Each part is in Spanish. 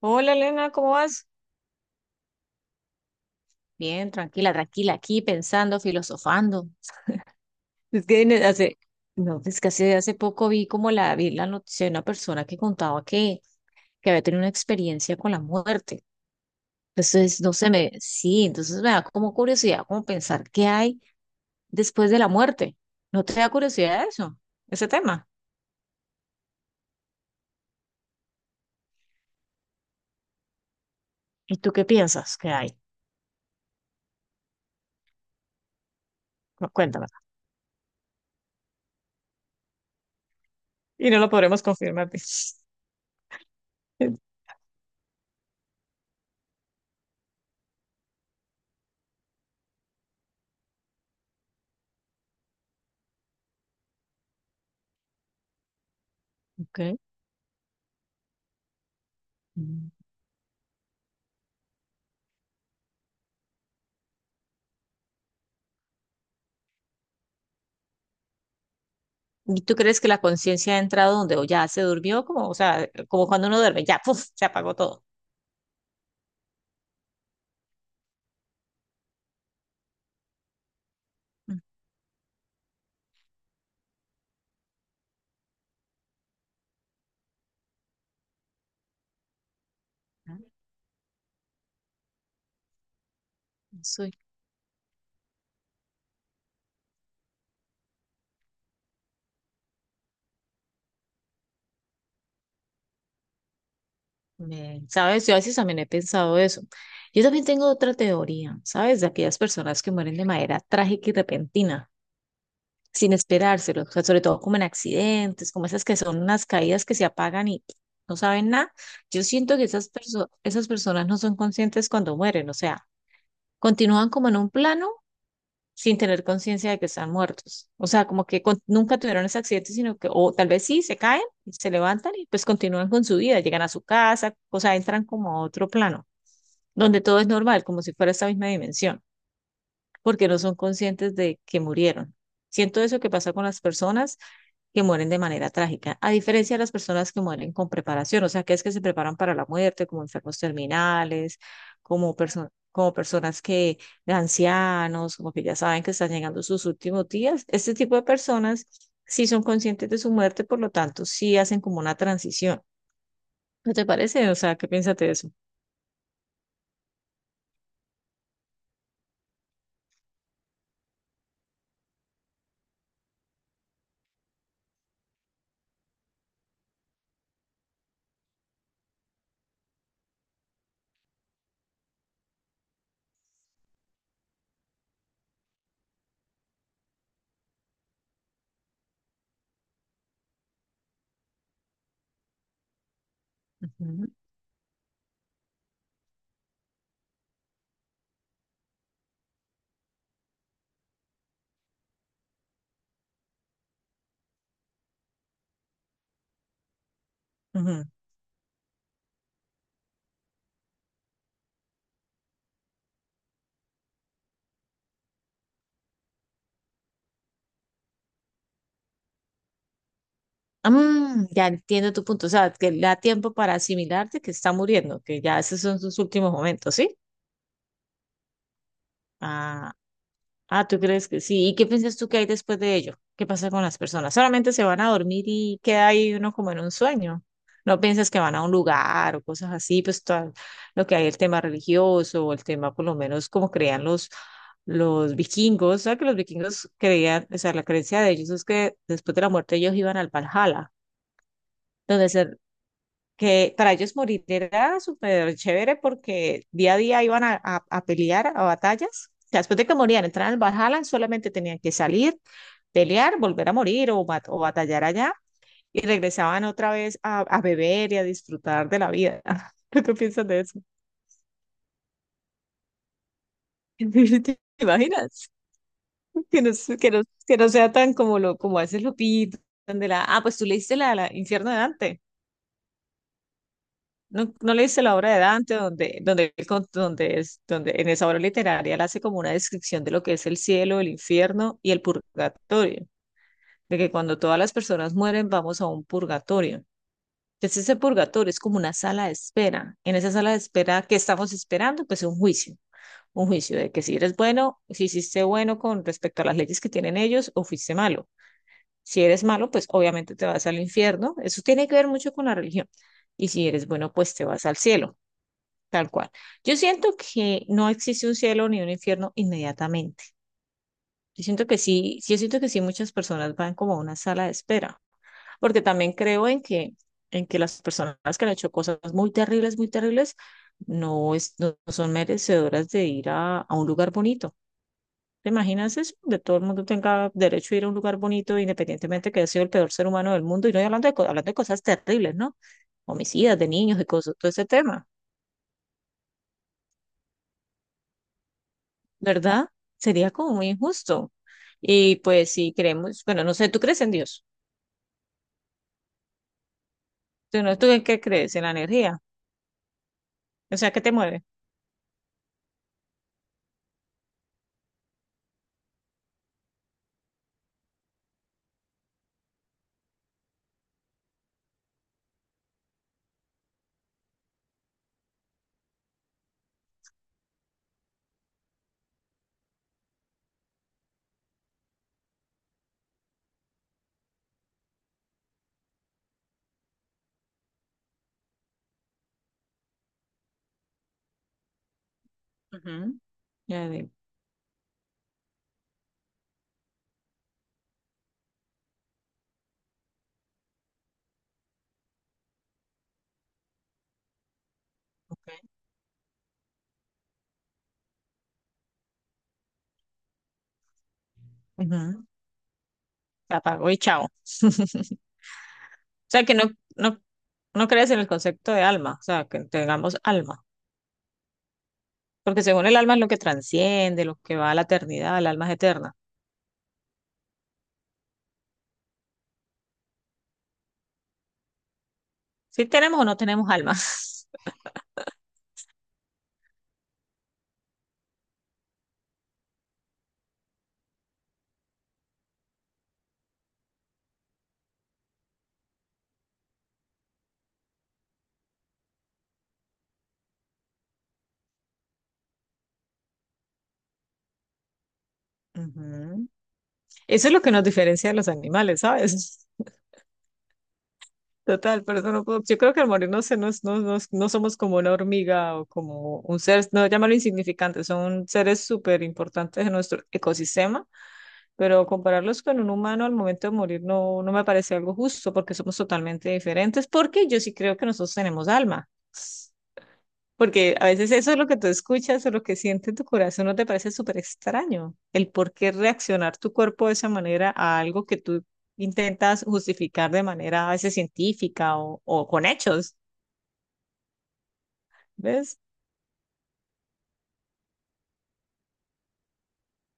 Hola Elena, ¿cómo vas? Bien, tranquila, tranquila, aquí pensando, filosofando. Hace, no, es que hace, hace poco vi como vi la noticia de una persona que contaba que había tenido una experiencia con la muerte. Entonces, no sé, sí, entonces me da como curiosidad, como pensar qué hay después de la muerte. ¿No te da curiosidad eso, ese tema? ¿Y tú qué piensas que hay? No, cuéntame. Y no lo podremos confirmar. Okay. ¿Y tú crees que la conciencia ha entrado donde o ya se durmió? Como, o sea, como cuando uno duerme, ya, ¡puf!, se apagó todo. Ujú. Soy, ¿Sabes? Yo a veces también he pensado eso. Yo también tengo otra teoría, ¿sabes? De aquellas personas que mueren de manera trágica y repentina, sin esperárselo, o sea, sobre todo como en accidentes, como esas que son unas caídas que se apagan y no saben nada. Yo siento que esas personas no son conscientes cuando mueren, o sea, continúan como en un plano sin tener conciencia de que están muertos. O sea, como que nunca tuvieron ese accidente, sino que, o tal vez sí, se caen, y se levantan y pues continúan con su vida, llegan a su casa, o sea, entran como a otro plano, donde todo es normal, como si fuera esta misma dimensión, porque no son conscientes de que murieron. Siento eso que pasa con las personas que mueren de manera trágica, a diferencia de las personas que mueren con preparación, o sea, que es que se preparan para la muerte, como enfermos terminales, como personas de ancianos, como que ya saben que están llegando sus últimos días. Este tipo de personas sí son conscientes de su muerte, por lo tanto, sí hacen como una transición. ¿No te parece? O sea, ¿qué piensas de eso? Ujú, ujú. Mm, ya entiendo tu punto, o sea, que le da tiempo para asimilarte que está muriendo, que ya esos son sus últimos momentos, ¿sí? Ah. Ah, ¿tú crees que sí? ¿Y qué piensas tú que hay después de ello? ¿Qué pasa con las personas? ¿Solamente se van a dormir y queda ahí uno como en un sueño? ¿No piensas que van a un lugar o cosas así? Pues todo lo que hay, el tema religioso, o el tema por lo menos como creían los vikingos. O sea, que los vikingos creían, o sea, la creencia de ellos es que después de la muerte ellos iban al Valhalla, donde se que para ellos morir era súper chévere porque día a día iban a pelear a batallas. O sea, después de que morían, entraban al Valhalla, solamente tenían que salir, pelear, volver a morir o batallar allá y regresaban otra vez a beber y a disfrutar de la vida. ¿Tú qué piensas de eso? ¿Te imaginas? Que no sea tan como lo como a veces lo pintan de ah, pues tú leíste la Infierno de Dante. ¿No, no leíste la obra de Dante, él donde en esa obra literaria él hace como una descripción de lo que es el cielo, el infierno y el purgatorio? De que cuando todas las personas mueren vamos a un purgatorio. Entonces ese purgatorio es como una sala de espera. En esa sala de espera, ¿qué estamos esperando? Pues un juicio. Un juicio de que si eres bueno, si hiciste bueno con respecto a las leyes que tienen ellos o fuiste malo. Si eres malo, pues obviamente te vas al infierno. Eso tiene que ver mucho con la religión. Y si eres bueno, pues te vas al cielo. Tal cual. Yo siento que no existe un cielo ni un infierno inmediatamente. Yo siento que sí, sí, yo siento que sí, muchas personas van como a una sala de espera, porque también creo en en que las personas que han hecho cosas muy terribles, no, es, no son merecedoras de ir a un lugar bonito. ¿Te imaginas eso? De todo el mundo tenga derecho a ir a un lugar bonito, independientemente que haya sido el peor ser humano del mundo, y no hablando de, hablando de cosas terribles, ¿no? Homicidas de niños y cosas, todo ese tema. ¿Verdad? Sería como muy injusto. Y pues si creemos, bueno, no sé, ¿tú crees en Dios? ¿Tú, no, tú en qué crees? ¿En la energía? O sea, ¿qué te mueve? Ujú. Ya digo, ok. Ujú. Se apagó y chao. O sea, que no, no, no crees en el concepto de alma, o sea, que tengamos alma. Porque según el alma es lo que transciende, lo que va a la eternidad, el alma es eterna. Si tenemos o no tenemos alma. Ujú. Eso es lo que nos diferencia de los animales, ¿sabes? Total, pero eso no puedo- yo creo que al morirnos se nos, no, no somos como una hormiga o como un ser, no llamarlo insignificante, son seres súper importantes en nuestro ecosistema, pero compararlos con un humano al momento de morir no, no me parece algo justo porque somos totalmente diferentes, porque yo sí creo que nosotros tenemos alma. Porque a veces eso es lo que tú escuchas o lo que siente tu corazón, no te parece súper extraño. El por qué reaccionar tu cuerpo de esa manera a algo que tú intentas justificar de manera a veces científica o con hechos. ¿Ves?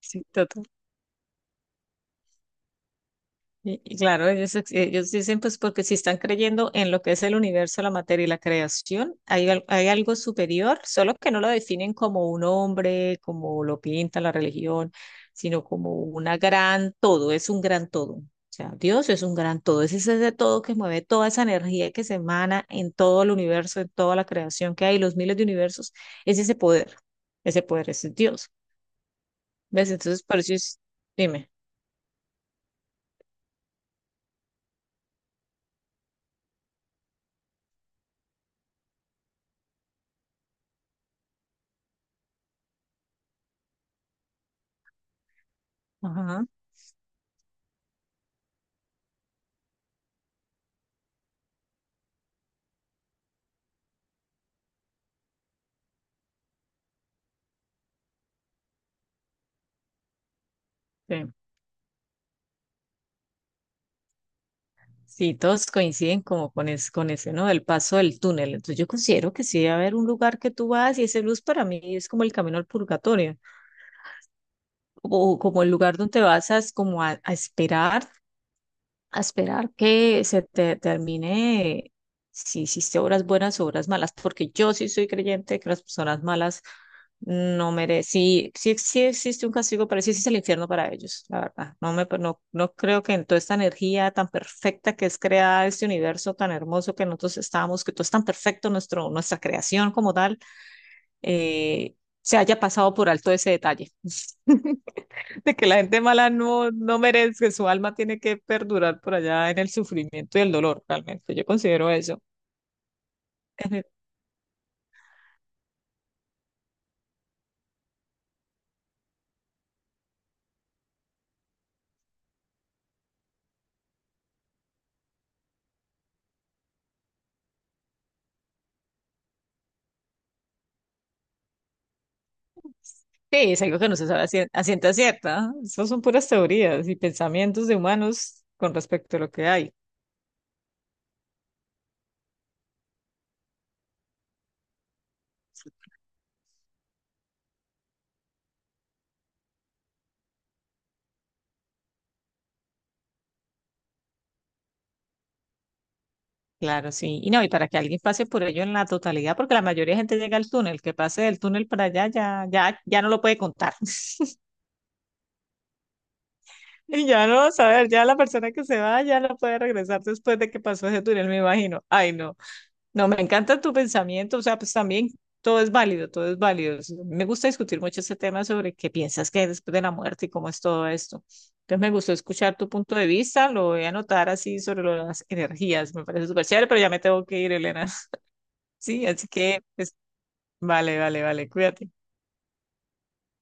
Sí. Y claro, ellos, ellos dicen, pues porque si están creyendo en lo que es el universo, la materia y la creación, hay, hay algo superior, solo que no lo definen como un hombre, como lo pinta la religión, sino como una gran todo, es un gran todo. O sea, Dios es un gran todo, es ese todo que mueve toda esa energía que se emana en todo el universo, en toda la creación que hay, los miles de universos, es ese poder es Dios. ¿Ves? Entonces, por dime. Ajá. Sí. Sí, todos coinciden como con, es, con ese, ¿no? El paso del túnel. Entonces yo considero que sí debe haber un lugar que tú vas y ese luz para mí es como el camino al purgatorio o como el lugar donde vas a, es como a esperar que se te termine si hiciste obras buenas o obras malas, porque yo sí soy creyente de que las personas malas no merecen, sí, sí, sí existe un castigo, pero sí existe el infierno para ellos, la verdad. No me, no, no creo que en toda esta energía tan perfecta que es creada este universo tan hermoso que nosotros estamos, que todo es tan perfecto, nuestra creación como tal, eh, se haya pasado por alto ese detalle. de que la gente mala no, no merece, su alma tiene que perdurar por allá en el sufrimiento y el dolor, realmente. Yo considero eso. Sí, es algo que no se sabe a a ciencia cierta. ¿Eh? Esas son puras teorías y pensamientos de humanos con respecto a lo que hay. Claro, sí. Y no, y para que alguien pase por ello en la totalidad, porque la mayoría de gente llega al túnel, que pase del túnel para allá ya, ya no lo puede contar. Y ya no, a ver, ya la persona que se va ya no puede regresar después de que pasó ese túnel, me imagino. Ay, no. No, me encanta tu pensamiento, o sea, pues también todo es válido, todo es válido. Me gusta discutir mucho ese tema sobre qué piensas que hay después de la muerte y cómo es todo esto. Entonces me gustó escuchar tu punto de vista, lo voy a anotar así sobre lo de las energías, me parece súper chévere, pero ya me tengo que ir, Elena. Sí, así que, pues, vale, vale, vale, cuídate.